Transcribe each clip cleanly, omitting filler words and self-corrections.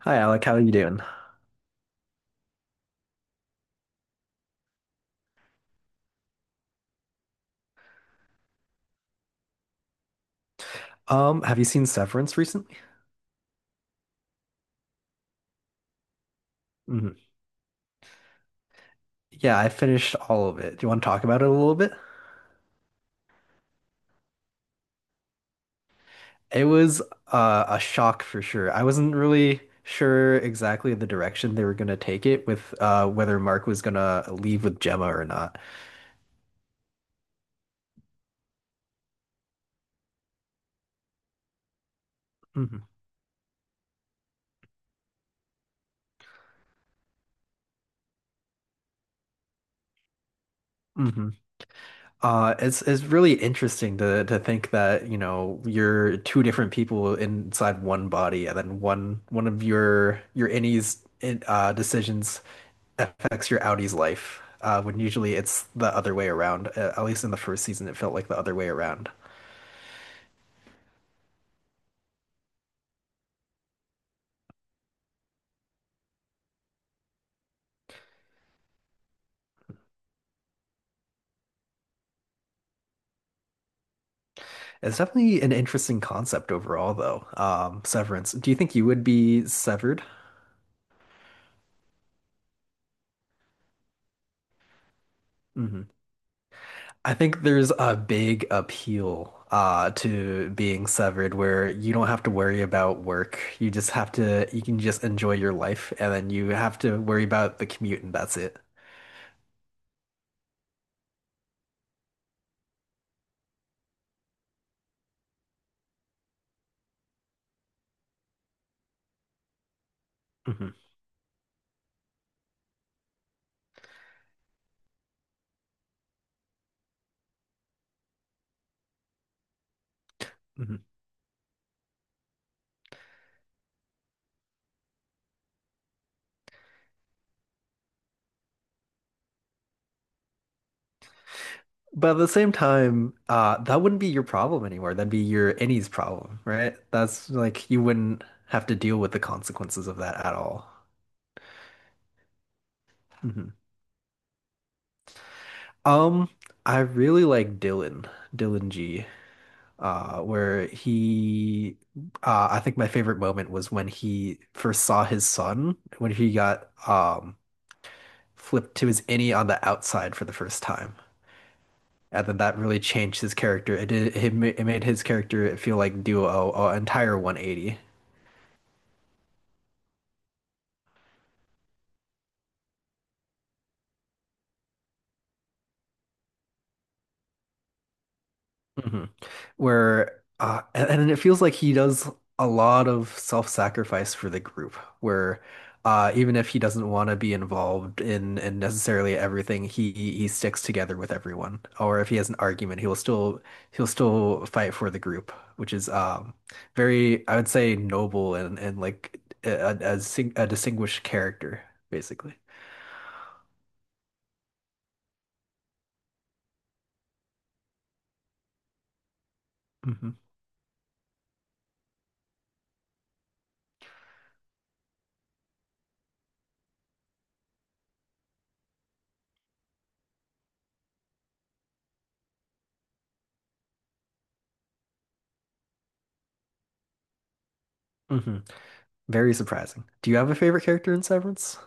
Hi Alec, how are you doing? Have you seen Severance recently? Mhm. Yeah, I finished all of it. Do you want to talk about it a little bit? It was a shock for sure. I wasn't really sure exactly the direction they were going to take it with whether Mark was going to leave with Gemma or not. hmm hmm it's really interesting to think that, you know, you're two different people inside one body, and then one of your innies decisions affects your Audie's life, when usually it's the other way around. At least in the first season, it felt like the other way around. It's definitely an interesting concept overall, though. Severance. Do you think you would be severed? hmm I think there's a big appeal to being severed where you don't have to worry about work. You just have to, you can just enjoy your life, and then you have to worry about the commute, and that's it. hmm But at the same time, that wouldn't be your problem anymore. That'd be your any's problem, right? That's like you wouldn't have to deal with the consequences of that at all. Mhm. Um, I really like Dylan, Dylan G, where he, I think my favorite moment was when he first saw his son, when he got flipped to his innie on the outside for the first time. And then that really changed his character. It did, it made his character feel like do a entire 180. hmm Where and it feels like he does a lot of self-sacrifice for the group, where even if he doesn't want to be involved in necessarily everything, he sticks together with everyone. Or if he has an argument, he'll still fight for the group, which is very, I would say, noble and like a, a distinguished character basically. hmm hmm Very surprising. Do you have a favorite character in Severance?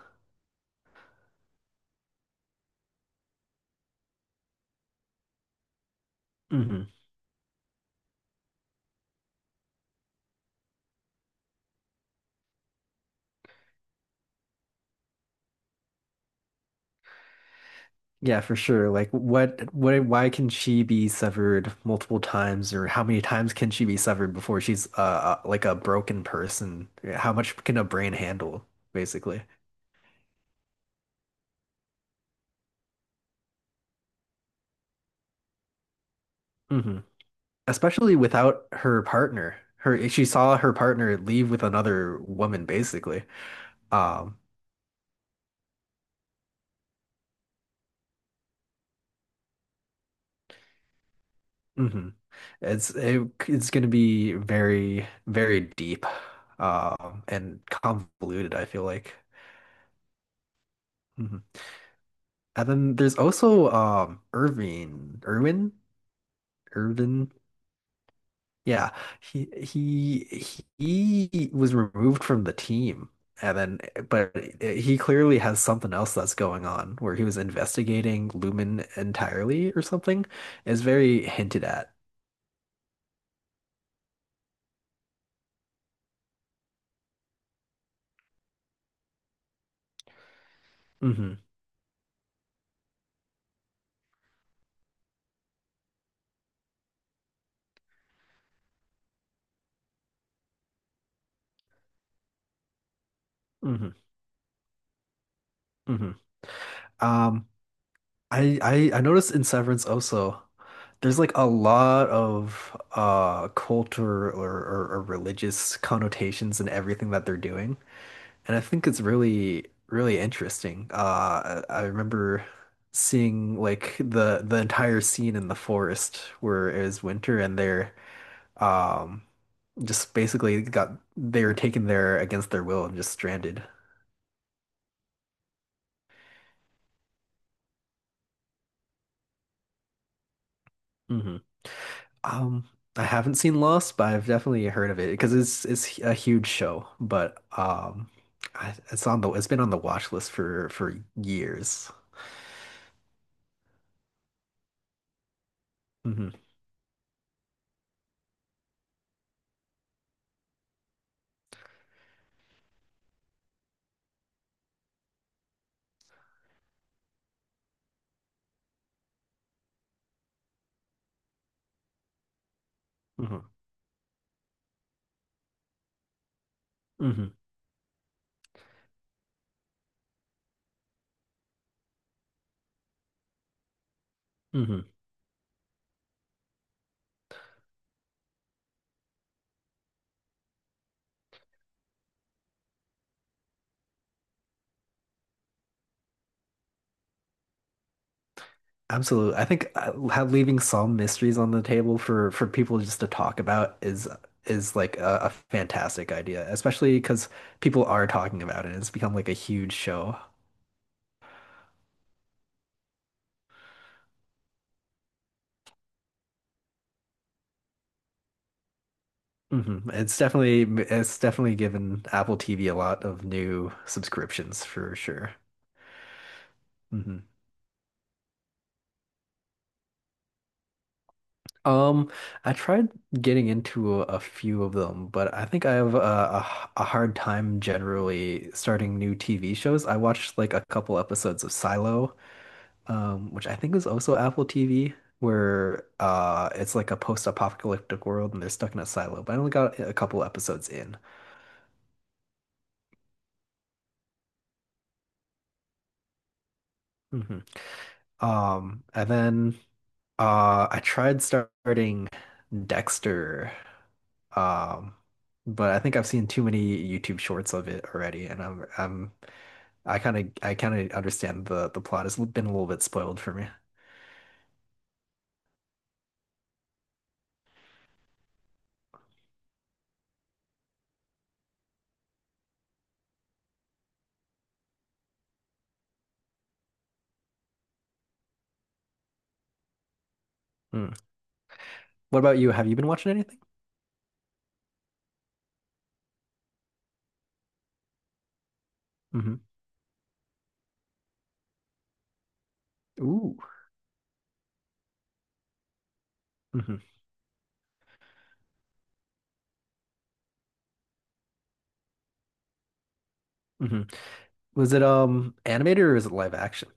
Yeah, for sure. Like what why can she be severed multiple times, or how many times can she be severed before she's like a broken person? How much can a brain handle, basically? hmm Especially without her partner. Her She saw her partner leave with another woman, basically. Um, hmm It's it, it's gonna be very, very deep, and convoluted, I feel like. Mhm. And then there's also Irving, Irwin. Irvin. Yeah, he he was removed from the team, and then but he clearly has something else that's going on where he was investigating Lumen entirely or something. Is very hinted at. hmm hmm hmm Um, I noticed in Severance also. There's like a lot of culture or religious connotations in everything that they're doing. And I think it's really, really interesting. I remember seeing like the entire scene in the forest where it was winter, and they're um just basically got they were taken there against their will and just stranded. hmm Um, I haven't seen Lost, but I've definitely heard of it because it's a huge show. But it's on the it's been on the watch list for years. hmm hmm hmm hmm Absolutely. I think leaving some mysteries on the table for people just to talk about is like a fantastic idea, especially because people are talking about it. It's become like a huge show. hmm It's definitely it's definitely given Apple TV a lot of new subscriptions for sure. hmm Um, I tried getting into a few of them, but I think I have a hard time generally starting new TV shows. I watched like a couple episodes of Silo which I think is also Apple TV, where it's like a post-apocalyptic world and they're stuck in a silo. But I only got a couple episodes in. hmm and then I tried starting Dexter, um, but I think I've seen too many YouTube shorts of it already, and I kind of understand the plot has been a little bit spoiled for me. Mm. What about you? Have you been watching anything? hmm Ooh. hmm hmm Was it animated, or is it live action?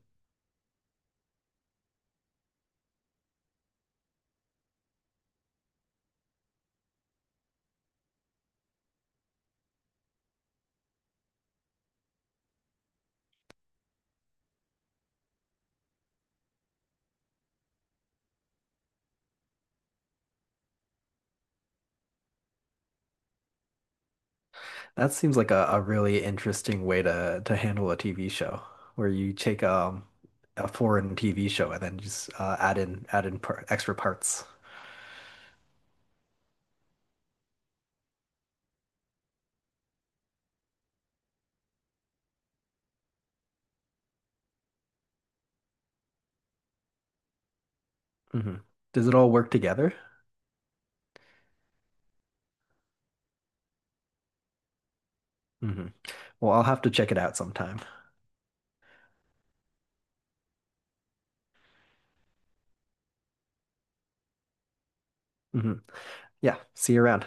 That seems like a really interesting way to handle a TV show where you take a foreign TV show, and then just add in par extra parts. hmm Does it all work together? hmm Well, I'll have to check it out sometime. hmm Yeah, see you around.